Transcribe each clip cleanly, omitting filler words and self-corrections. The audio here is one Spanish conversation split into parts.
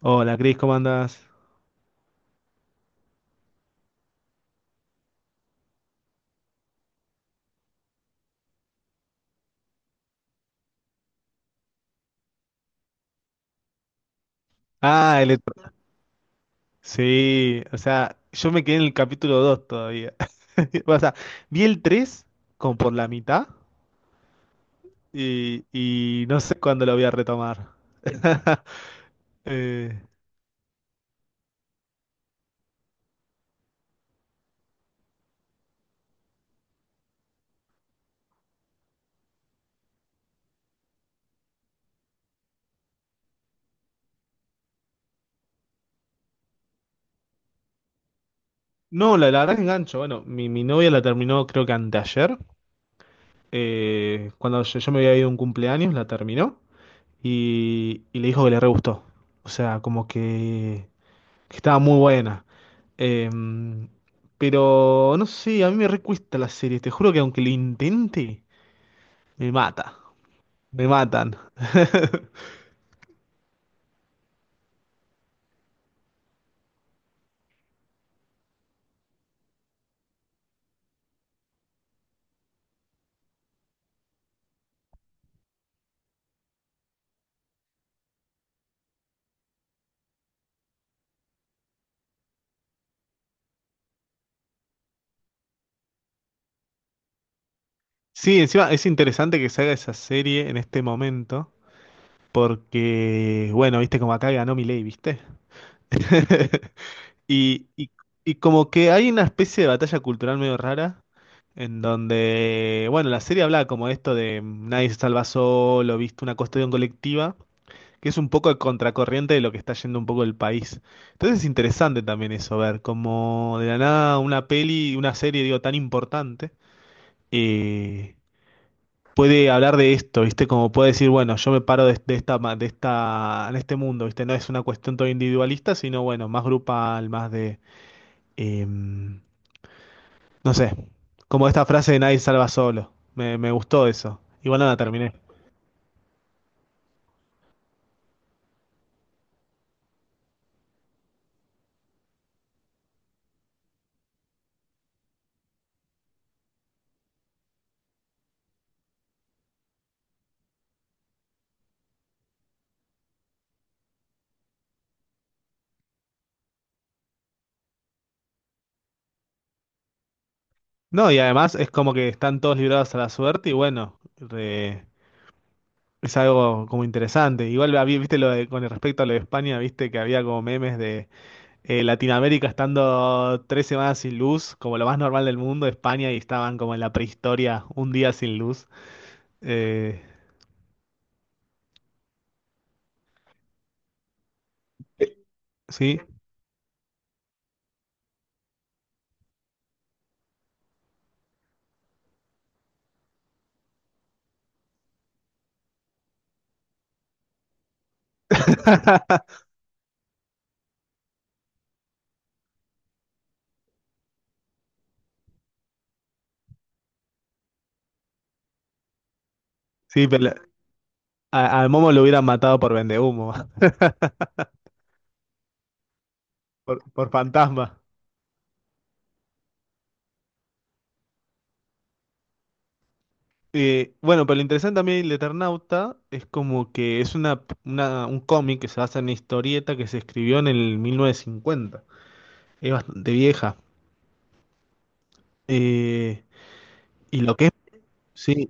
Hola, Cris, ¿cómo andás? Ah, electro. Sí, o sea, yo me quedé en el capítulo 2 todavía. O sea, vi el 3 como por la mitad y no sé cuándo lo voy a retomar. Eh, no, la verdad que engancho. Bueno, mi novia la terminó creo que anteayer. Cuando yo me había ido a un cumpleaños, la terminó y le dijo que le re gustó. O sea, como que estaba muy buena. Em, pero no sé, a mí me recuesta la serie, te juro que aunque lo intente, me mata, me matan. Sí, encima es interesante que se haga esa serie en este momento, porque, bueno, viste como acá ganó Milei, ¿viste? Y, y, y como que hay una especie de batalla cultural medio rara, en donde, bueno, la serie habla como esto de nadie se salva solo, ¿viste? Una cuestión colectiva, que es un poco a contracorriente de lo que está yendo un poco el país. Entonces es interesante también eso, ver como de la nada una peli, una serie, digo, tan importante, eh, puede hablar de esto, ¿viste? Como puede decir, bueno, yo me paro de en este mundo, ¿viste? No es una cuestión todo individualista, sino, bueno, más grupal, más de, no sé, como esta frase de nadie salva solo. Me gustó eso. Igual nada, terminé. No, y además es como que están todos librados a la suerte y bueno, es algo como interesante. Igual, viste lo de, con respecto a lo de España, viste que había como memes de Latinoamérica estando 3 semanas sin luz, como lo más normal del mundo, España, y estaban como en la prehistoria, un día sin luz. Eh, sí. Sí, pero al Momo lo hubieran matado por vendehumo, por fantasma. Bueno, pero lo interesante también del Eternauta es como que es una, un cómic que se basa en una historieta que se escribió en el 1950. Es bastante vieja. Eh, ¿Y lo que? Sí.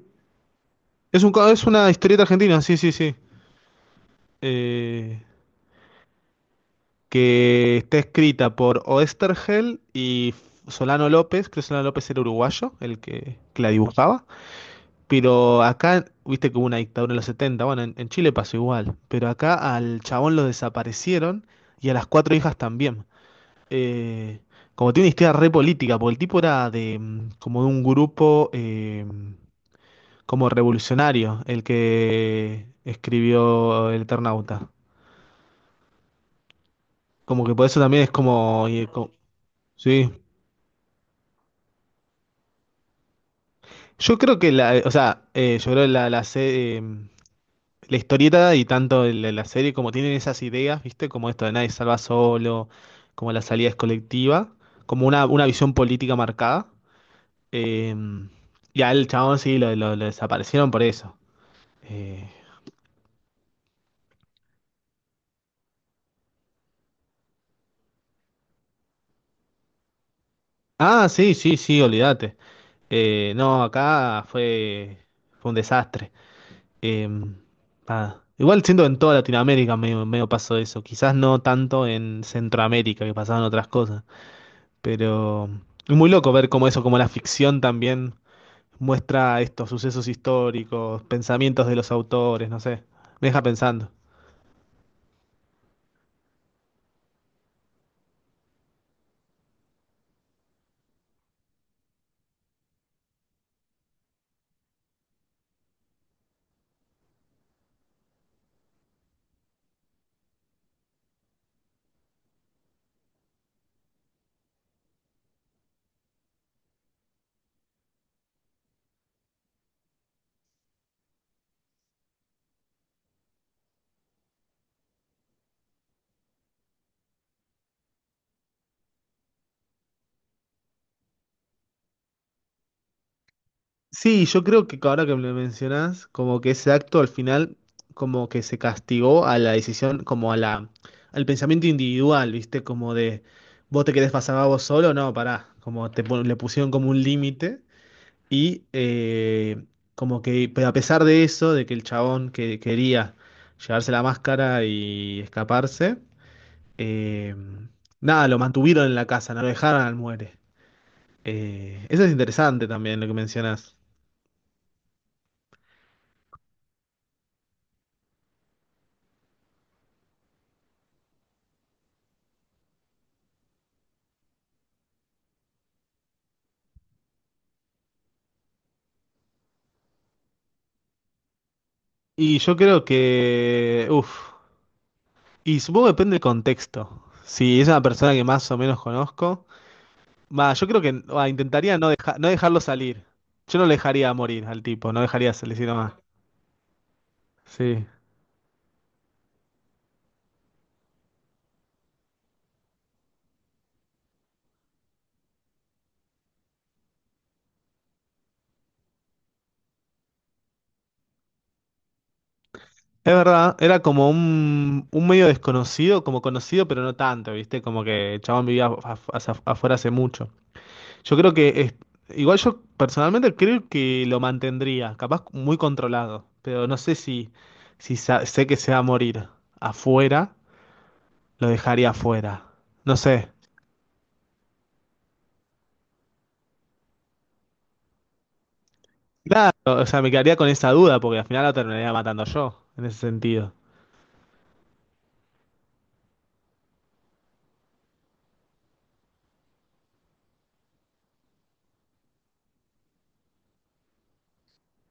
Es un, es una historieta argentina, sí, sí, sí. Eh, que está escrita por Oesterhel y Solano López. Creo que Solano López era uruguayo, que la dibujaba. Pero acá, viste que hubo una dictadura en los setenta. Bueno, en Chile pasó igual. Pero acá al chabón lo desaparecieron y a las cuatro hijas también. Eh, Como tiene una historia re política, porque el tipo era de como de un grupo, como revolucionario, el que escribió El Eternauta. Como que por eso también es como, sí. Yo creo que la, o sea, yo creo la, la, se- la historieta y tanto la serie como tienen esas ideas, ¿viste? Como esto de nadie salva solo, como la salida es colectiva, como una visión política marcada. Eh, y al chabón sí lo desaparecieron por eso. Eh, ah, sí, sí, sí, olvídate. No, acá fue un desastre. Em, Nada. Igual siendo en toda Latinoamérica medio, medio pasó eso. Quizás no tanto en Centroamérica, que pasaban otras cosas. Pero es muy loco ver cómo eso, como la ficción también muestra estos sucesos históricos, pensamientos de los autores, no sé. Me deja pensando. Sí, yo creo que ahora que me lo mencionás, como que ese acto al final, como que se castigó a la decisión, como al pensamiento individual, ¿viste? Como de, vos te querés pasar a vos solo, no, pará, le pusieron como un límite y, pero a pesar de eso, de que el chabón que quería llevarse la máscara y escaparse, eh, nada, lo mantuvieron en la casa, no lo dejaron al muere. Eso es interesante también lo que mencionás. Y yo creo que, uff, y supongo que depende del contexto. Si es una persona que más o menos conozco, va, yo creo que va, intentaría no dejarlo salir. Yo no le dejaría morir al tipo, no dejaría salir más. Sí. Es verdad, era como un medio desconocido, como conocido, pero no tanto, ¿viste? Como que el chabón vivía afuera hace mucho. Yo creo que es- Igual yo personalmente creo que lo mantendría, capaz muy controlado, pero no sé si sé que se va a morir afuera, lo dejaría afuera. No sé. Claro, o sea, me quedaría con esa duda porque al final lo terminaría matando yo, en ese sentido.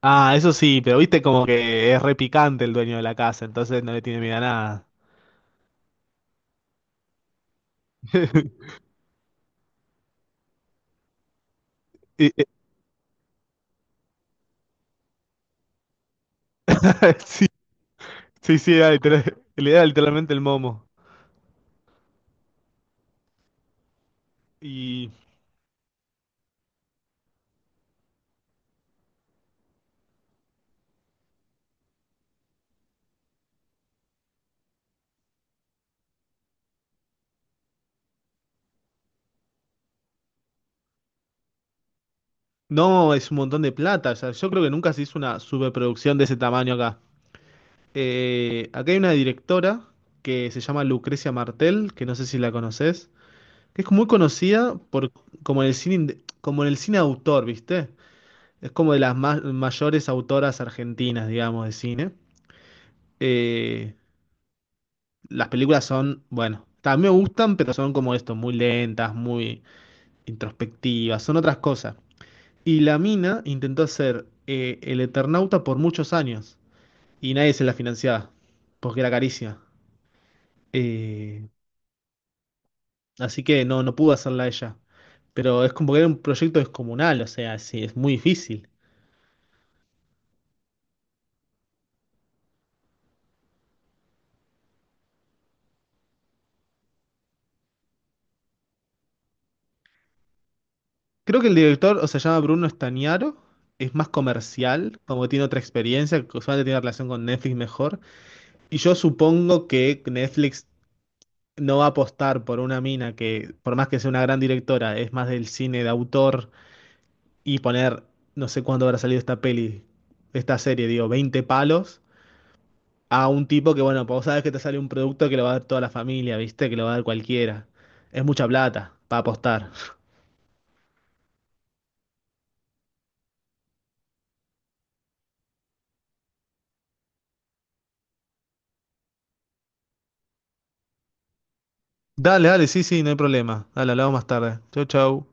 Ah, eso sí, pero viste como que es repicante el dueño de la casa, entonces no le tiene miedo a nada. Y- Sí, sí, sí, le da literalmente el momo. y No, es un montón de plata. O sea, yo creo que nunca se hizo una superproducción de ese tamaño acá. Acá hay una directora que se llama Lucrecia Martel, que no sé si la conoces, que es muy conocida por, como en el cine, como en el cine autor, ¿viste? Es como de mayores autoras argentinas, digamos, de cine. Eh, las películas son, bueno, también me gustan, pero son como esto, muy lentas, muy introspectivas, son otras cosas. Y la mina intentó hacer el Eternauta por muchos años y nadie se la financiaba porque era carísima. Eh, Así que no, no pudo hacerla ella. Pero es como que era un proyecto descomunal, o sea, sí, es muy difícil. Creo que el director, o sea, se llama Bruno Stagnaro, es más comercial, como que tiene otra experiencia, que usualmente tiene relación con Netflix mejor. Y yo supongo que Netflix no va a apostar por una mina que, por más que sea una gran directora, es más del cine de autor y poner, no sé cuándo habrá salido esta peli, esta serie, digo, 20 palos a un tipo que, bueno, pues vos sabes que te sale un producto que lo va a dar toda la familia, ¿viste? Que lo va a dar cualquiera. Es mucha plata para apostar. Dale, dale, sí, sí, no hay problema. Dale, hablamos más tarde. Chau, chau.